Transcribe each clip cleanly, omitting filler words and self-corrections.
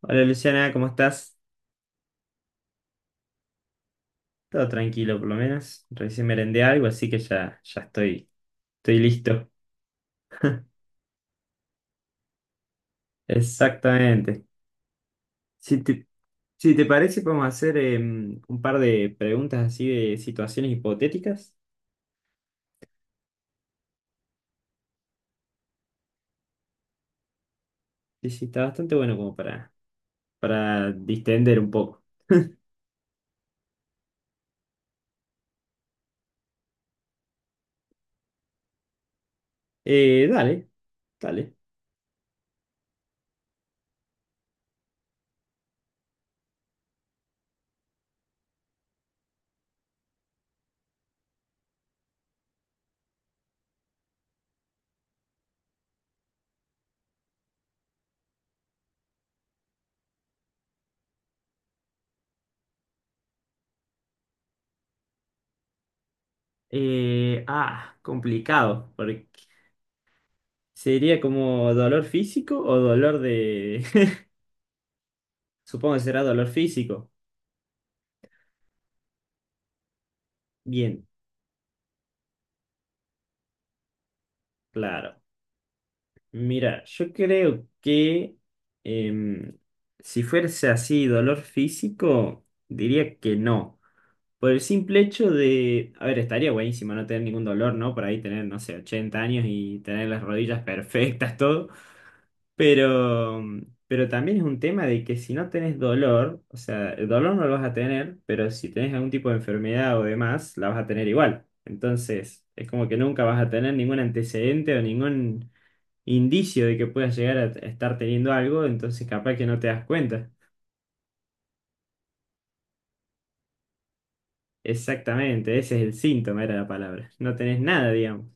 Hola Luciana, ¿cómo estás? Todo tranquilo por lo menos. Recién merendé algo, así que ya, ya estoy listo. Exactamente. Si te, si te parece, podemos hacer un par de preguntas así de situaciones hipotéticas. Sí sí, está bastante bueno como para distender un poco. Dale, dale. Complicado, porque sería como dolor físico o dolor de... Supongo que será dolor físico. Bien, claro. Mira, yo creo que em, si fuese así dolor físico, diría que no. Por el simple hecho de, a ver, estaría buenísimo no tener ningún dolor, ¿no? Por ahí tener, no sé, 80 años y tener las rodillas perfectas, todo. Pero, pero también es un tema de que si no tenés dolor, o sea, el dolor no lo vas a tener, pero si tenés algún tipo de enfermedad o demás, la vas a tener igual. Entonces, es como que nunca vas a tener ningún antecedente o ningún indicio de que puedas llegar a estar teniendo algo, entonces capaz que no te das cuenta. Exactamente, ese es el síntoma, era la palabra. No tenés nada, digamos.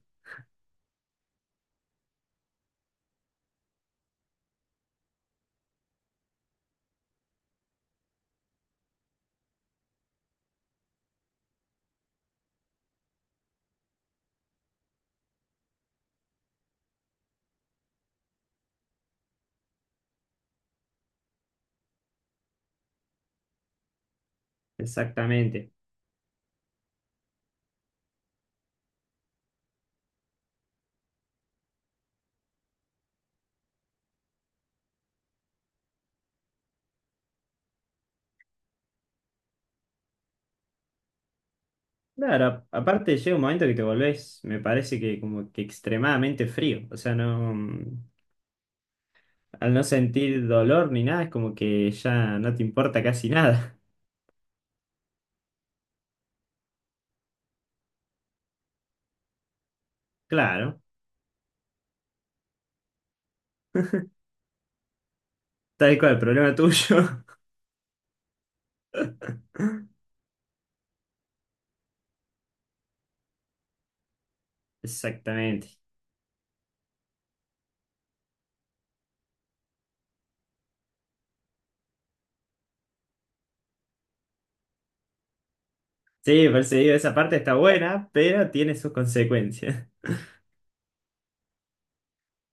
Exactamente. Claro, aparte llega un momento que te volvés, me parece que como que extremadamente frío. O sea, no. Al no sentir dolor ni nada, es como que ya no te importa casi nada. Claro, tal cual, problema tuyo. Exactamente. Sí, por eso digo, esa parte está buena, pero tiene sus consecuencias.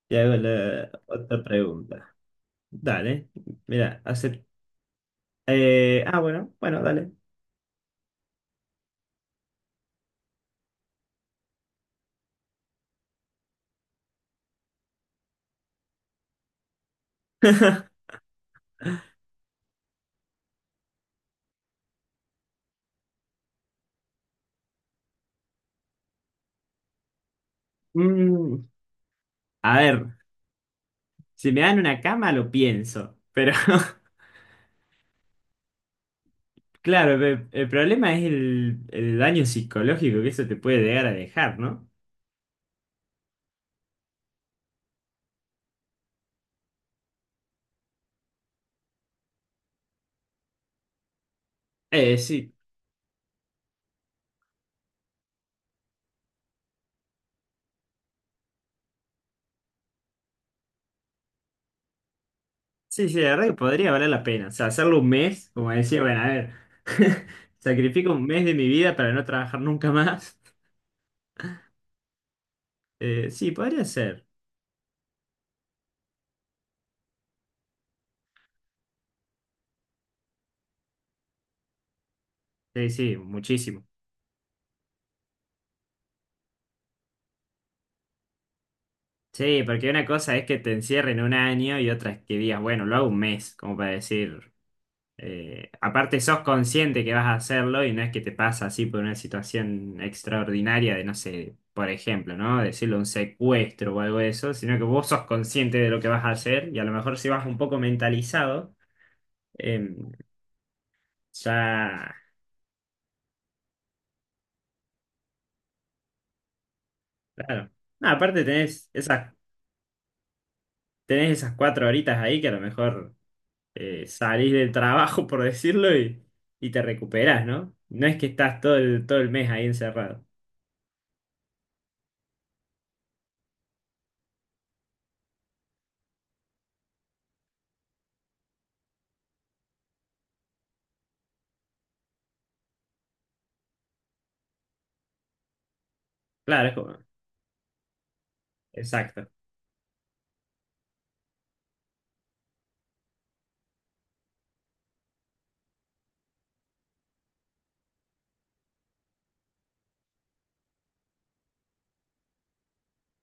Y hago la otra pregunta. Dale, mira, hace... bueno, bueno, dale. Mm, a ver, si me dan una cama lo pienso, pero claro, el problema es el daño psicológico que eso te puede llegar a dejar, ¿no? Sí, sí, sí, la verdad que podría valer la pena. O sea, hacerlo un mes, como decía, bueno, a ver, sacrifico un mes de mi vida para no trabajar nunca más. Sí, podría ser. Sí, sí, muchísimo. Sí, porque una cosa es que te encierren un año y otra es que digas, bueno, lo hago un mes, como para decir, aparte sos consciente que vas a hacerlo y no es que te pasa así por una situación extraordinaria de, no sé, por ejemplo, ¿no? Decirlo un secuestro o algo de eso, sino que vos sos consciente de lo que vas a hacer y a lo mejor si vas un poco mentalizado. Em, ya, claro. No, aparte tenés esas 4 horitas ahí que a lo mejor salís del trabajo, por decirlo, y, te recuperás, ¿no? No es que estás todo el mes ahí encerrado. Claro, es como, exacto.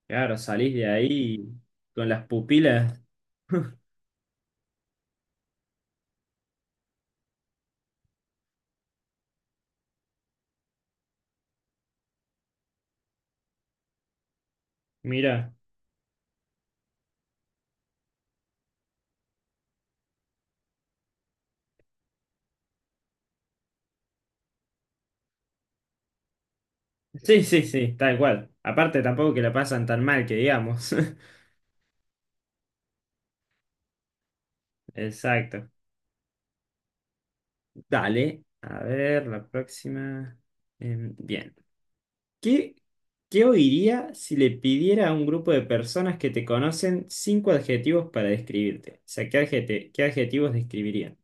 Claro, salís de ahí con las pupilas. Mira. Sí, sí, sí, tal cual. Aparte tampoco que la pasan tan mal que digamos. Exacto. Dale. A ver, la próxima. Bien. ¿Qué, qué oiría si le pidiera a un grupo de personas que te conocen cinco adjetivos para describirte? O sea, ¿qué qué adjetivos describirían?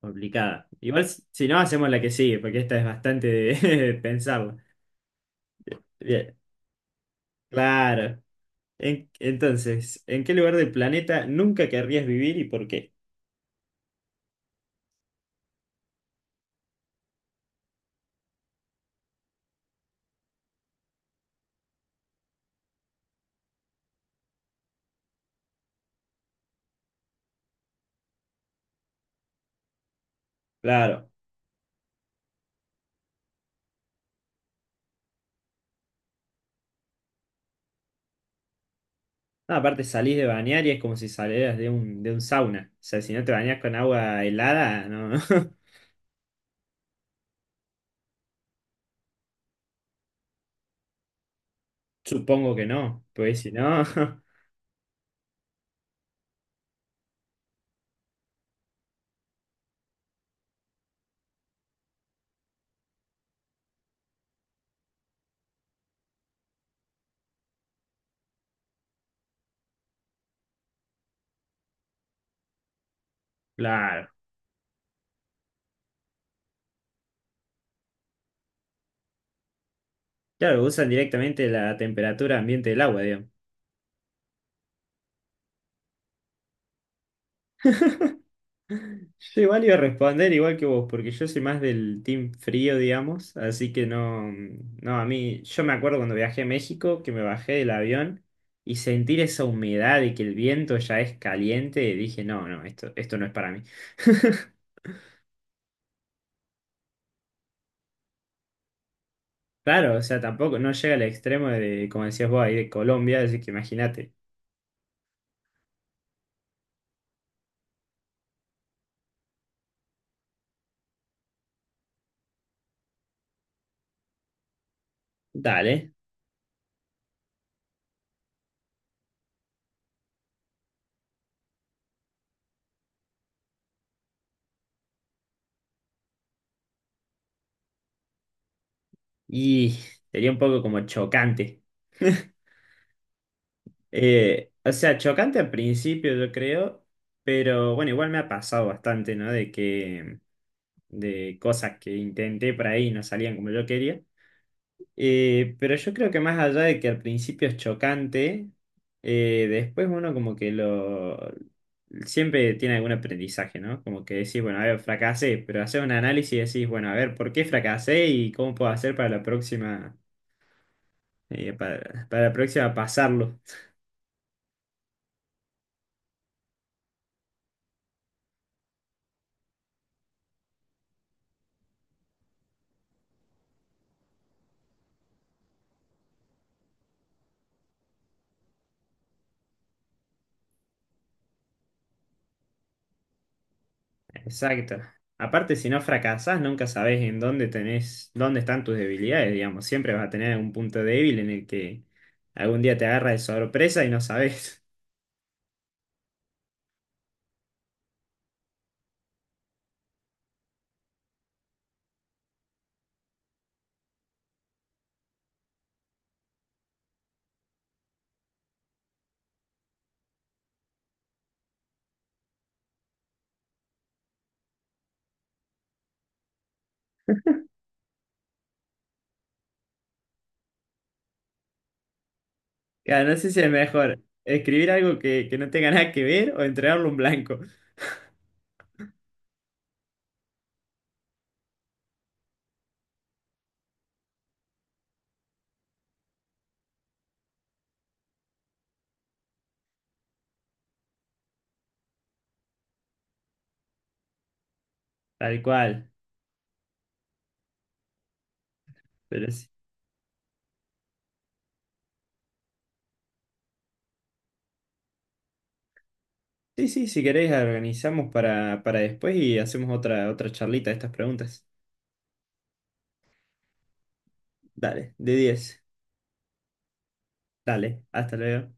Complicada. Igual si no, hacemos la que sigue, porque esta es bastante de, de pensarla. Bien, claro. Entonces, ¿en qué lugar del planeta nunca querrías vivir y por qué? Claro. No, aparte salís de bañar y es como si salieras de un sauna. O sea, si no te bañas con agua helada, no. Supongo que no, pues si no. Claro. Claro, usan directamente la temperatura ambiente del agua, digamos. Yo igual iba a responder igual que vos, porque yo soy más del team frío, digamos, así que no, no, a mí, yo me acuerdo cuando viajé a México, que me bajé del avión y sentir esa humedad y que el viento ya es caliente, dije, no, no, esto no es para mí. Claro, o sea, tampoco, no llega al extremo de, como decías vos, ahí de Colombia, así que imagínate. Dale. Y sería un poco como chocante. O sea, chocante al principio, yo creo, pero bueno, igual me ha pasado bastante, ¿no? De cosas que intenté por ahí y no salían como yo quería. Pero yo creo que más allá de que al principio es chocante, después uno como que lo... Siempre tiene algún aprendizaje, ¿no? Como que decís, bueno, a ver, fracasé, pero haces un análisis y decís, bueno, a ver, ¿por qué fracasé y cómo puedo hacer para la próxima, para la próxima pasarlo? Exacto. Aparte, si no fracasás, nunca sabés en dónde tenés, dónde están tus debilidades, digamos. Siempre vas a tener algún punto débil en el que algún día te agarra de sorpresa y no sabés. Claro, no sé si es mejor escribir algo que no tenga nada que ver o entregarlo un blanco. Tal cual. Pero sí, sí, sí, si querés, organizamos para después y hacemos otra charlita de estas preguntas. Dale, de 10. Dale, hasta luego.